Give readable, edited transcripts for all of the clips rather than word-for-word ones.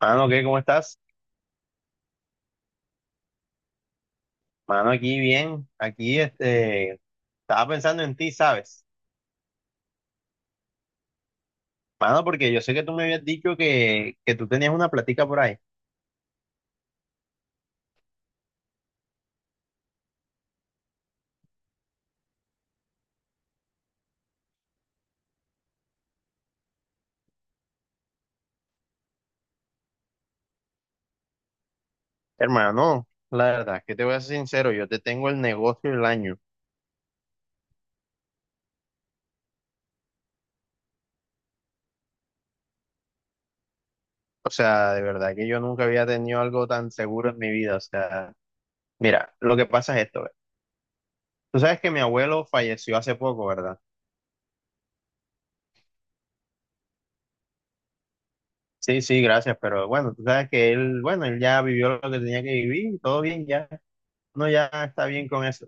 Mano, ¿qué? ¿Cómo estás? Mano, aquí bien. Aquí, estaba pensando en ti, ¿sabes? Mano, porque yo sé que tú me habías dicho que tú tenías una platica por ahí. Hermano, la verdad, que te voy a ser sincero, yo te tengo el negocio del año. O sea, de verdad que yo nunca había tenido algo tan seguro en mi vida. O sea, mira, lo que pasa es esto, ve. Tú sabes que mi abuelo falleció hace poco, ¿verdad? Sí, sí, gracias, pero bueno, tú sabes que él, bueno, él ya vivió lo que tenía que vivir, todo bien ya. No, ya está bien con eso.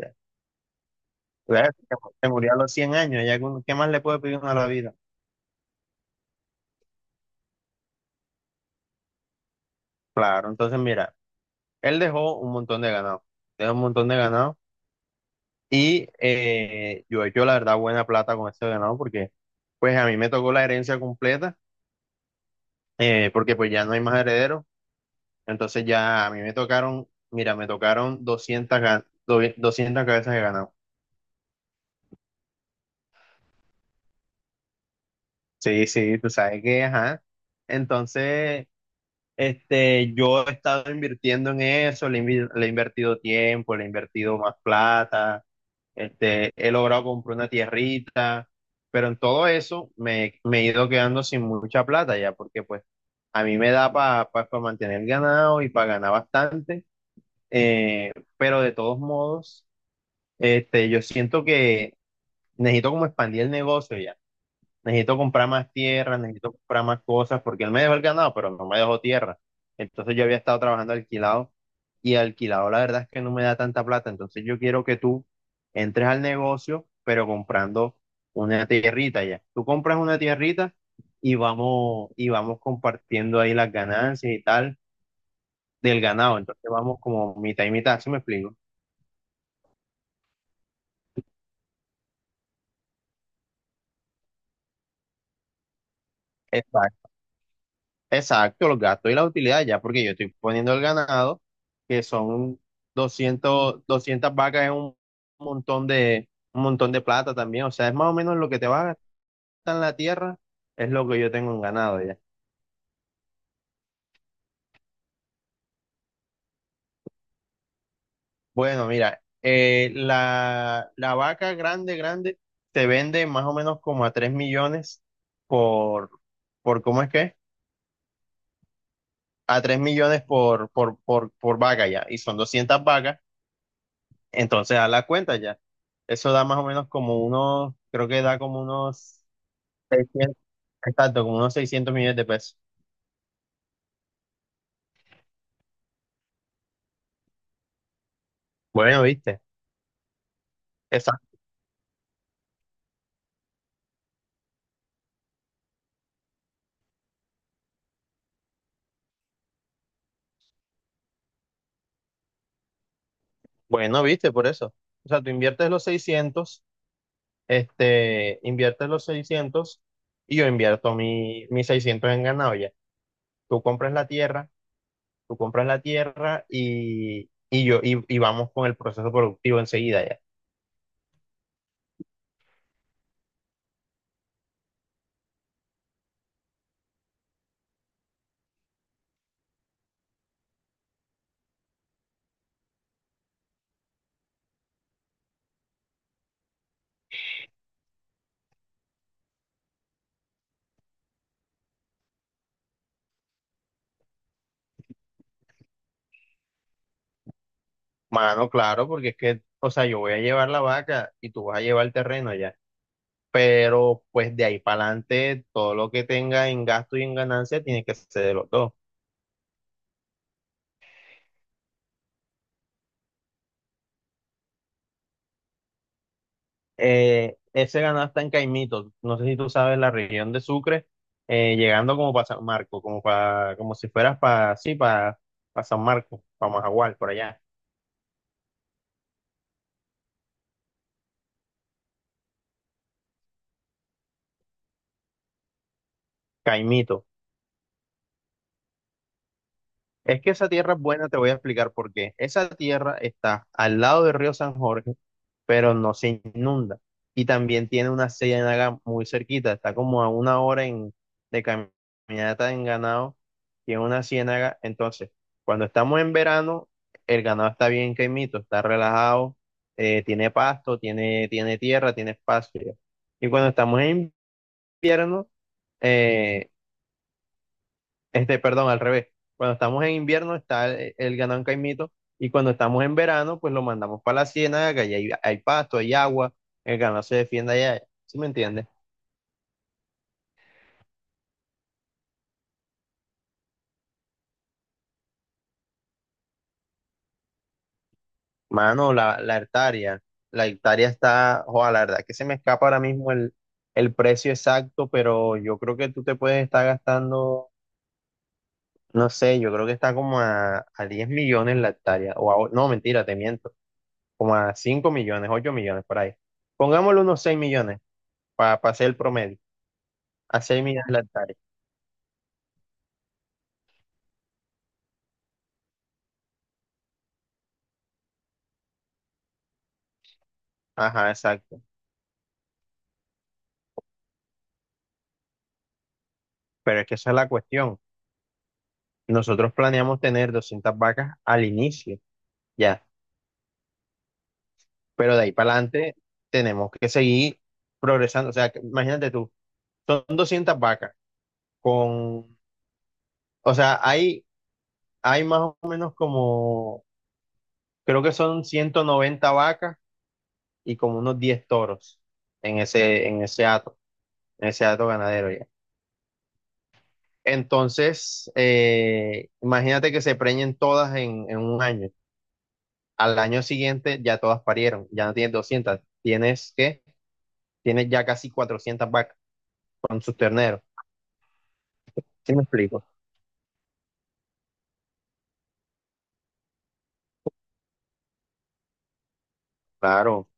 Claro, se murió a los 100 años. Qué más le puede pedir uno a la vida? Claro, entonces mira, él dejó un montón de ganado, dejó un montón de ganado y yo he hecho la verdad buena plata con ese ganado, porque pues a mí me tocó la herencia completa, porque pues ya no hay más herederos. Entonces ya a mí me tocaron, mira, me tocaron 200 cabezas de ganado. Sí, sí, tú sabes que, ajá. Entonces, yo he estado invirtiendo en eso, le he invertido tiempo, le he invertido más plata. He logrado comprar una tierrita, pero en todo eso me he ido quedando sin mucha plata ya, porque pues a mí me da para pa, pa- pa mantener ganado y para ganar bastante. eh, pero de todos modos, yo siento que necesito como expandir el negocio ya. Necesito comprar más tierra, necesito comprar más cosas, porque él me dejó el ganado, pero no me dejó tierra. Entonces yo había estado trabajando alquilado, y alquilado la verdad es que no me da tanta plata. Entonces yo quiero que tú entres al negocio, pero comprando una tierrita ya. Tú compras una tierrita y vamos compartiendo ahí las ganancias y tal del ganado. Entonces vamos como mitad y mitad, ¿sí me explico? Exacto, los gastos y la utilidad ya, porque yo estoy poniendo el ganado, que son 200 vacas. Es montón de, un montón de plata también. O sea, es más o menos lo que te va a gastar en la tierra, es lo que yo tengo en ganado ya. Bueno, mira, la vaca grande, grande, se vende más o menos como a 3 millones por, ¿cómo es que? A 3 millones por vaca ya, y son 200 vacas. Entonces, a la cuenta ya. Eso da más o menos como unos, creo que da como unos 600, exacto, como unos 600 millones de pesos. Bueno, viste, exacto. Bueno, viste, por eso. O sea, tú inviertes los 600, este, inviertes los 600 y yo invierto mis 600 en ganado ya. Tú compras la tierra, tú compras la tierra y vamos con el proceso productivo enseguida ya. Mano, claro, porque es que, o sea, yo voy a llevar la vaca y tú vas a llevar el terreno ya. Pero pues de ahí para adelante todo lo que tenga en gasto y en ganancia tiene que ser de los dos. Ese ganado está en Caimito, no sé si tú sabes la región de Sucre, llegando como para San Marco, como para, como si fueras para, sí, para San Marco, para Majagual, por allá. Caimito. Es que esa tierra es buena, te voy a explicar por qué. Esa tierra está al lado del río San Jorge, pero no se inunda. Y también tiene una ciénaga muy cerquita, está como a una hora de caminata en ganado, tiene una ciénaga. Entonces, cuando estamos en verano, el ganado está bien quemito, está relajado. Tiene pasto, tiene tierra, tiene espacio. Y cuando estamos en invierno, eh, perdón, al revés. Cuando estamos en invierno está el ganado en Caimito, y cuando estamos en verano pues lo mandamos para la ciénaga, que allá hay pasto, hay agua, el ganado se defiende allá. ¿Sí me entiendes? Mano, la hectárea está, joder, la verdad que se me escapa ahora mismo el precio exacto, pero yo creo que tú te puedes estar gastando, no sé, yo creo que está como a 10 millones la hectárea, no, mentira, te miento, como a 5 millones, 8 millones por ahí. Pongámosle unos 6 millones para hacer el promedio. A seis millas hectáreas. Ajá, exacto. Pero es que esa es la cuestión. Nosotros planeamos tener 200 vacas al inicio, ya. Pero de ahí para adelante tenemos que seguir progresando. O sea, imagínate tú, son 200 vacas con, o sea, hay más o menos como, creo que son 190 vacas y como unos 10 toros en en ese hato ganadero ya. Entonces, imagínate que se preñen todas en un año. Al año siguiente ya todas parieron, ya no tienes 200, tienes ya casi 400 vacas con sus terneros. ¿Sí me explico? Claro,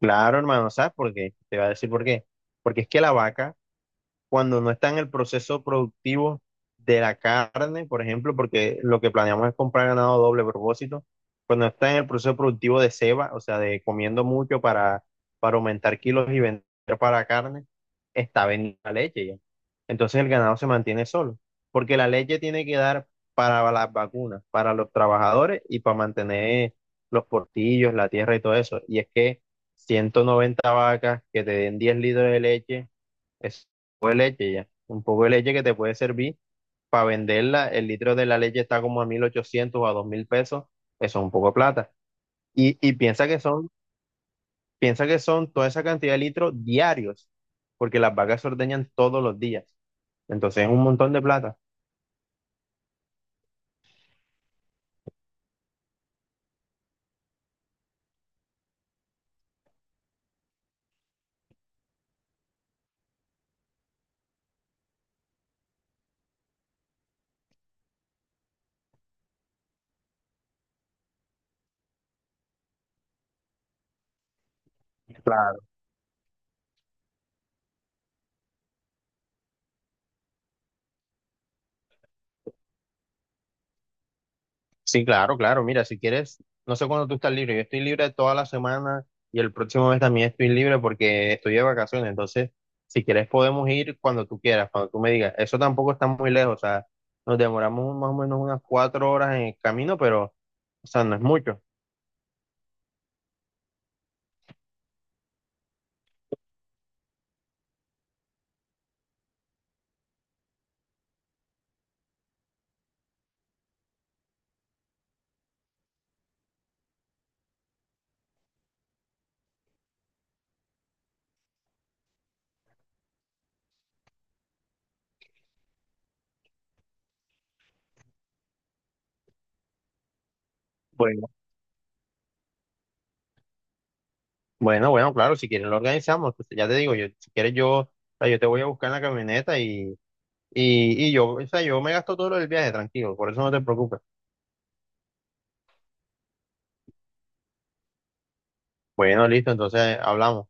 claro, hermano, ¿sabes por qué? Te voy a decir por qué. Porque es que la vaca, cuando no está en el proceso productivo de la carne, por ejemplo, porque lo que planeamos es comprar ganado doble propósito, cuando está en el proceso productivo de ceba, o sea, de comiendo mucho para aumentar kilos y vender para carne, está vendiendo la leche ya. Entonces el ganado se mantiene solo, porque la leche tiene que dar para las vacunas, para los trabajadores y para mantener los portillos, la tierra y todo eso. Y es que 190 vacas que te den 10 litros de leche es un poco de leche ya. Un poco de leche que te puede servir para venderla. El litro de la leche está como a 1.800 o a 2.000 pesos. Eso es un poco de plata. Y piensa que son, toda esa cantidad de litros diarios, porque las vacas se ordeñan todos los días. Entonces es un montón de plata. Sí, claro, claro. Mira, si quieres, no sé cuándo tú estás libre. Yo estoy libre toda la semana y el próximo mes también estoy libre porque estoy de vacaciones. Entonces, si quieres, podemos ir cuando tú quieras, cuando tú me digas. Eso tampoco está muy lejos. O sea, nos demoramos más o menos unas 4 horas en el camino, pero, o sea, no es mucho. Bueno, bueno, bueno, claro, si quieres lo organizamos. Pues, ya te digo, yo, si quieres yo, o sea, yo te voy a buscar en la camioneta y yo, o sea, yo me gasto todo lo del viaje, tranquilo. Por eso no te preocupes. Bueno, listo, entonces hablamos.